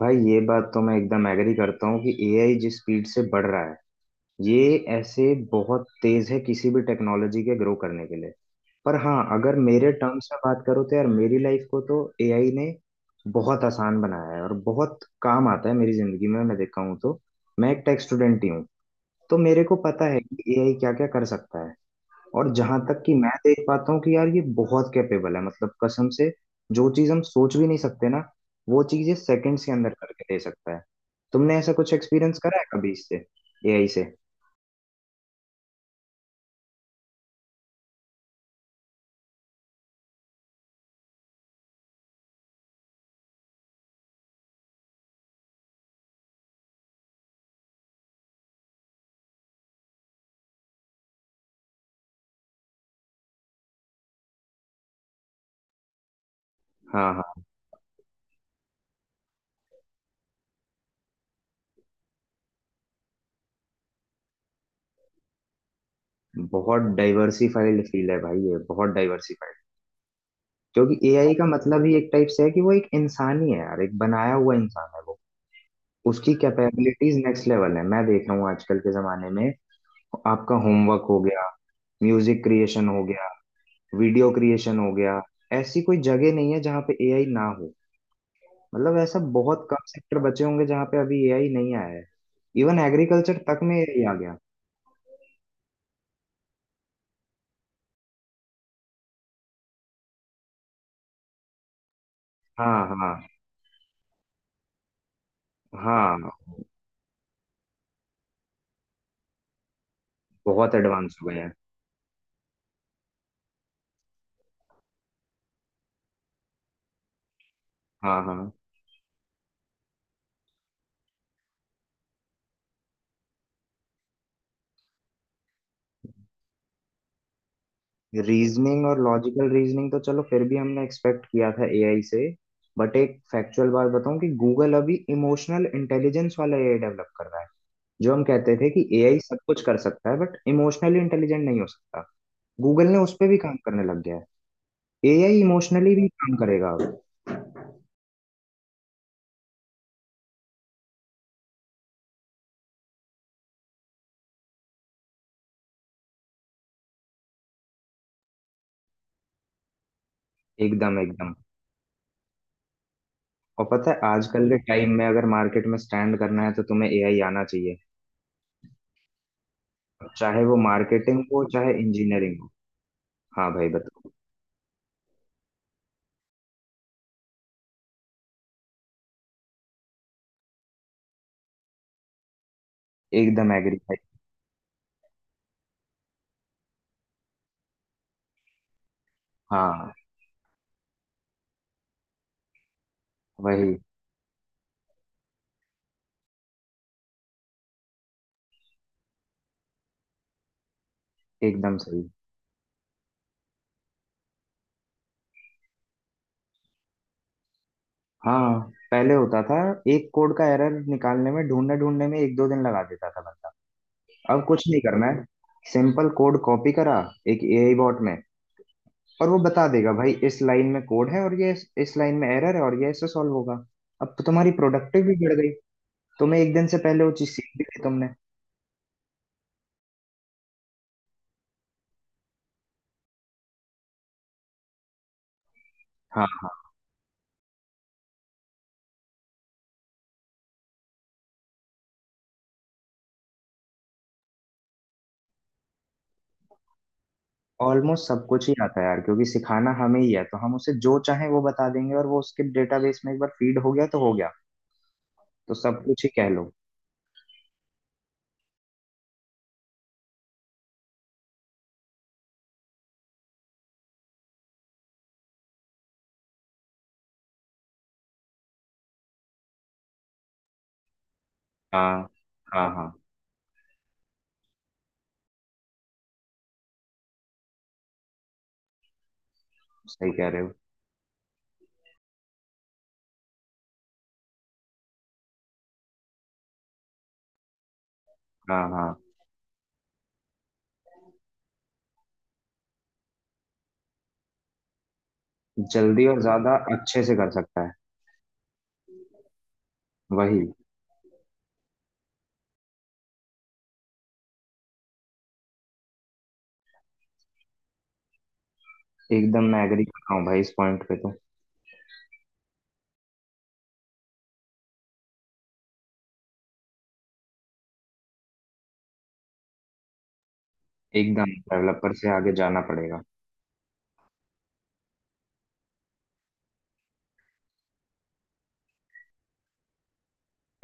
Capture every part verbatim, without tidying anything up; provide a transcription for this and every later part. भाई ये बात तो मैं एकदम एग्री करता हूँ कि एआई जिस स्पीड से बढ़ रहा है। ये ऐसे बहुत तेज है किसी भी टेक्नोलॉजी के ग्रो करने के लिए। पर हाँ, अगर मेरे टर्म्स में बात करो तो यार, मेरी लाइफ को तो एआई ने बहुत आसान बनाया है और बहुत काम आता है मेरी जिंदगी में, मैं देखा हूँ तो। मैं एक टेक स्टूडेंट ही हूँ, तो मेरे को पता है कि एआई क्या क्या कर सकता है। और जहां तक कि मैं देख पाता हूँ कि यार ये बहुत कैपेबल है, मतलब कसम से। जो चीज हम सोच भी नहीं सकते ना, वो चीज ये सेकंड्स के अंदर करके दे सकता है। तुमने ऐसा कुछ एक्सपीरियंस करा है कभी इससे, एआई से? हाँ हाँ। बहुत डाइवर्सिफाइड फील्ड है भाई, ये बहुत डाइवर्सिफाइड। क्योंकि एआई का मतलब ही एक टाइप से है कि वो एक इंसान ही है यार, एक बनाया हुआ इंसान है वो। उसकी कैपेबिलिटीज नेक्स्ट लेवल है, मैं देख रहा हूँ आजकल के जमाने में। आपका होमवर्क हो गया, म्यूजिक क्रिएशन हो गया, वीडियो क्रिएशन हो गया। ऐसी कोई जगह नहीं है जहाँ पे एआई ना हो। मतलब ऐसा बहुत कम सेक्टर बचे होंगे जहाँ पे अभी एआई नहीं आया है। इवन एग्रीकल्चर तक में एआई आ गया। हाँ हाँ हाँ। बहुत एडवांस हो गया है। हाँ हाँ। रीजनिंग और लॉजिकल रीजनिंग तो चलो फिर भी हमने एक्सपेक्ट किया था एआई से। बट एक फैक्चुअल बात बताऊं, कि गूगल अभी इमोशनल इंटेलिजेंस वाला एआई डेवलप कर रहा है। जो हम कहते थे कि एआई सब कुछ कर सकता है बट इमोशनली इंटेलिजेंट नहीं हो सकता, गूगल ने उस पर भी काम करने लग गया है। एआई इमोशनली भी काम करेगा। एकदम एकदम। और पता है आजकल के टाइम में अगर मार्केट में स्टैंड करना है तो तुम्हें एआई आना चाहिए। चाहे वो मार्केटिंग हो चाहे इंजीनियरिंग हो। हाँ भाई बताओ। एकदम एग्री भाई। हाँ वही। एकदम सही। हाँ, पहले होता था एक कोड का एरर निकालने में, ढूंढने ढूंढने में एक दो दिन लगा देता था बंदा। अब कुछ नहीं करना है, सिंपल कोड कॉपी करा एक एआई बॉट में, और वो बता देगा भाई इस लाइन में कोड है और ये इस, इस लाइन में एरर है और ये ऐसे सॉल्व होगा। अब तो तुम्हारी प्रोडक्टिव भी बढ़ गई। तुम्हें एक दिन से पहले वो चीज सीख भी ली तुमने। हाँ हाँ। ऑलमोस्ट सब कुछ ही आता है यार, क्योंकि सिखाना हमें ही है तो हम उसे जो चाहे वो बता देंगे और वो उसके डेटाबेस में एक बार फीड हो गया तो हो गया। तो सब कुछ ही कह लो। हाँ हाँ हाँ। सही कह रहे हो। हाँ हाँ। जल्दी और ज्यादा अच्छे से कर सकता है। वही। एकदम मैं एग्री कर रहा हूँ भाई इस पॉइंट पे तो। एकदम डेवलपर से आगे जाना पड़ेगा।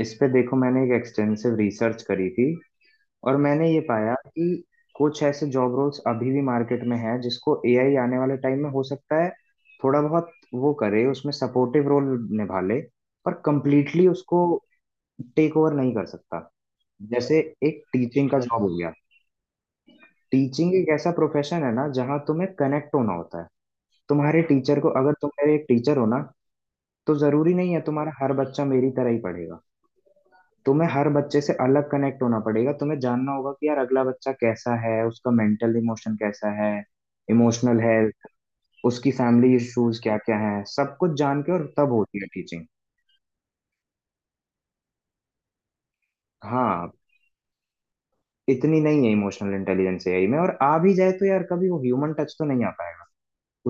इस पे देखो मैंने एक एक्सटेंसिव रिसर्च करी थी, और मैंने ये पाया कि कुछ ऐसे जॉब रोल्स अभी भी मार्केट में हैं जिसको एआई आने वाले टाइम में हो सकता है थोड़ा बहुत वो करे, उसमें सपोर्टिव रोल निभा ले, पर कंप्लीटली उसको टेक ओवर नहीं कर सकता। जैसे, एक टीचिंग का जॉब हो गया। टीचिंग एक ऐसा प्रोफेशन है ना जहाँ तुम्हें कनेक्ट होना होता है। तुम्हारे टीचर को, अगर तुम मेरे एक टीचर हो ना, तो जरूरी नहीं है तुम्हारा हर बच्चा मेरी तरह ही पढ़ेगा। तुम्हें हर बच्चे से अलग कनेक्ट होना पड़ेगा, तुम्हें जानना होगा कि यार अगला बच्चा कैसा है, उसका मेंटल इमोशन कैसा है, इमोशनल हेल्थ, उसकी फैमिली इश्यूज क्या क्या हैं, सब कुछ जान के और तब होती है टीचिंग। हाँ। इतनी नहीं है इमोशनल इंटेलिजेंस एआई में, और आ भी जाए तो यार कभी वो ह्यूमन टच तो नहीं आ पाएगा।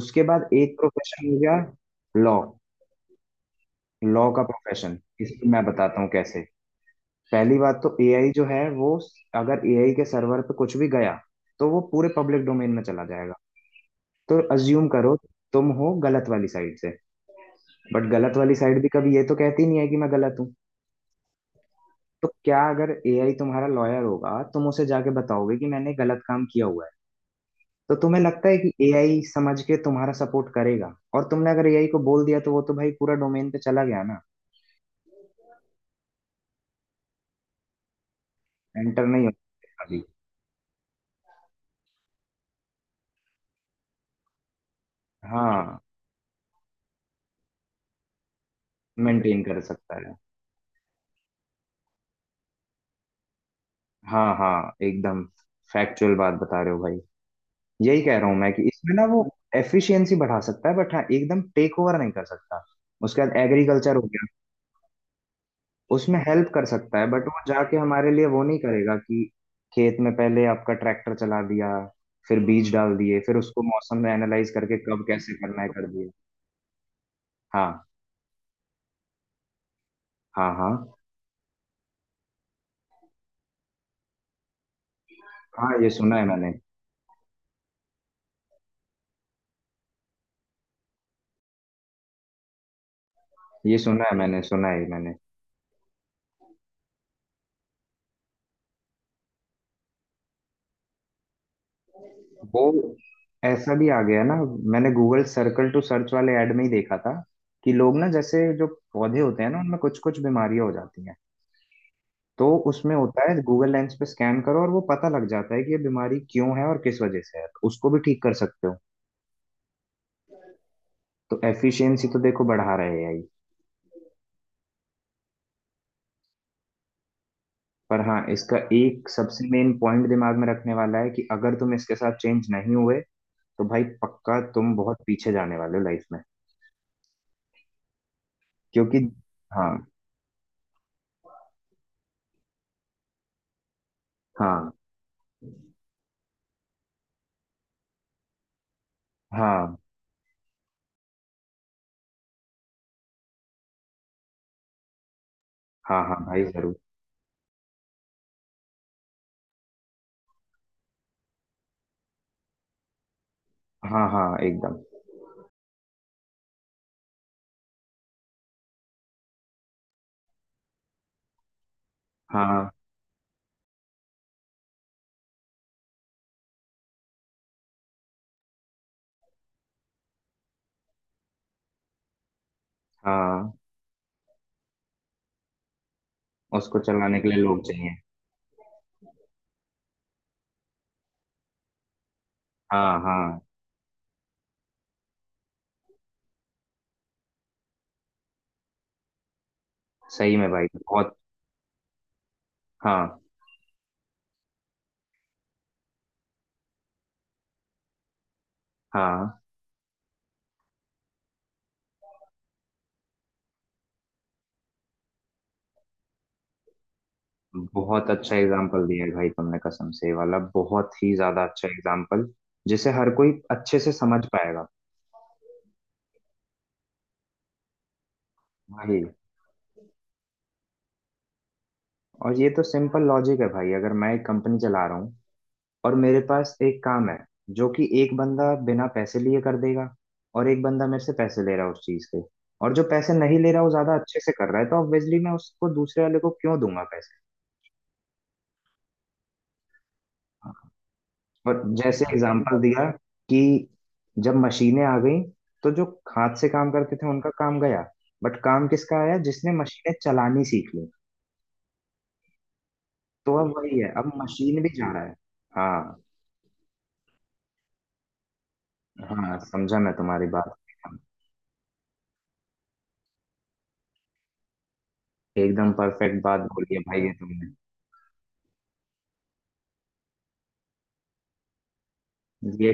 उसके बाद एक प्रोफेशन हो गया, लॉ। लॉ का प्रोफेशन, इसकी मैं बताता हूँ कैसे। पहली बात, तो एआई जो है वो, अगर एआई के सर्वर पे कुछ भी गया तो वो पूरे पब्लिक डोमेन में चला जाएगा। तो अज्यूम करो, तुम हो गलत वाली साइड से। बट गलत वाली साइड भी कभी ये तो कहती नहीं है कि मैं गलत हूँ। तो क्या अगर एआई तुम्हारा लॉयर होगा, तुम उसे जाके बताओगे कि मैंने गलत काम किया हुआ है? तो तुम्हें लगता है कि एआई समझ के तुम्हारा सपोर्ट करेगा, और तुमने अगर एआई को बोल दिया तो वो तो भाई पूरा डोमेन पे चला गया ना। एंटर नहीं हो सकता अभी। हाँ, मेंटेन कर सकता है। हाँ हाँ एकदम, फैक्चुअल बात बता रहे हो भाई। यही कह रहा हूं मैं कि इसमें ना वो एफिशिएंसी बढ़ा सकता है, बट हाँ एकदम टेक ओवर नहीं कर सकता। उसके बाद एग्रीकल्चर हो गया। उसमें हेल्प कर सकता है, बट वो जाके हमारे लिए वो नहीं करेगा कि खेत में पहले आपका ट्रैक्टर चला दिया, फिर बीज डाल दिए, फिर उसको मौसम में एनालाइज करके कब कैसे करना है कर दिए। हाँ हाँ। हाँ हाँ, ये सुना है मैंने। ये सुना है मैंने, सुना है ये मैंने। वो, ऐसा भी आ गया ना। मैंने गूगल सर्कल टू सर्च वाले ऐड में ही देखा था, कि लोग ना, जैसे जो पौधे होते हैं ना उनमें कुछ कुछ बीमारियां हो जाती हैं। तो उसमें होता है गूगल लेंस पे स्कैन करो और वो पता लग जाता है कि ये बीमारी क्यों है और किस वजह से है, तो उसको भी ठीक कर सकते हो। तो एफिशिएंसी तो देखो बढ़ा रहे हैं ही। पर हाँ, इसका एक सबसे मेन पॉइंट दिमाग में रखने वाला है कि अगर तुम इसके साथ चेंज नहीं हुए तो भाई पक्का तुम बहुत पीछे जाने वाले हो लाइफ में। क्योंकि, हाँ। हाँ हाँ। हाँ हाँ हाँ, भाई जरूर। हाँ हाँ एकदम। हाँ हाँ, उसको चलाने के लिए लोग चाहिए। हाँ हाँ। सही में भाई बहुत। हाँ हाँ। बहुत अच्छा एग्जाम्पल दिया है भाई तुमने, कसम से ये वाला बहुत ही ज्यादा अच्छा एग्जाम्पल। जिसे हर कोई अच्छे से समझ पाएगा। भाई, और ये तो सिंपल लॉजिक है भाई। अगर मैं एक कंपनी चला रहा हूँ और मेरे पास एक काम है जो कि एक बंदा बिना पैसे लिए कर देगा, और एक बंदा मेरे से पैसे ले रहा है उस चीज के, और जो पैसे नहीं ले रहा वो ज्यादा अच्छे से कर रहा है, तो ऑब्वियसली मैं उसको, दूसरे वाले को क्यों दूंगा पैसे? और जैसे एग्जाम्पल दिया कि जब मशीनें आ गई, तो जो हाथ से काम करते थे उनका काम गया, बट काम किसका आया? जिसने मशीनें चलानी सीख ली। तो अब वही है, अब मशीन भी जा रहा है। हाँ, हाँ समझा मैं तुम्हारी बात। एकदम परफेक्ट बात बोली है भाई ये तुमने। ये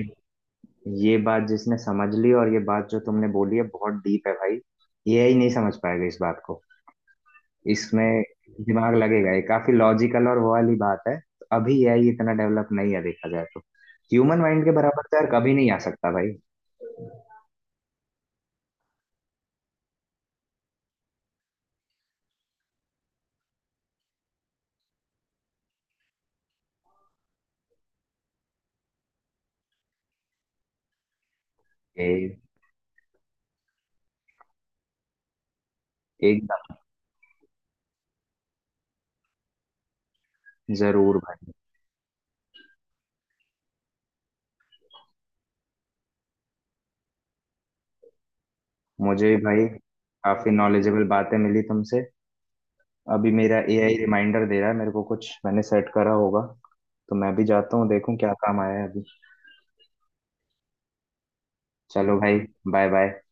ये बात जिसने समझ ली, और ये बात जो तुमने बोली है बहुत डीप है भाई। एआई नहीं समझ पाएगा इस बात को। इसमें दिमाग लगेगा, ये काफी लॉजिकल और वो वाली बात है, तो अभी एआई इतना डेवलप नहीं है देखा जाए तो। ह्यूमन माइंड के बराबर तो यार कभी नहीं आ सकता भाई। ए, एकदम। जरूर भाई। मुझे भी भाई काफी नॉलेजेबल बातें मिली तुमसे। अभी मेरा एआई रिमाइंडर दे रहा है मेरे को, कुछ मैंने सेट करा होगा। तो मैं भी जाता हूँ देखूं क्या काम आया है अभी। चलो भाई, बाय बाय।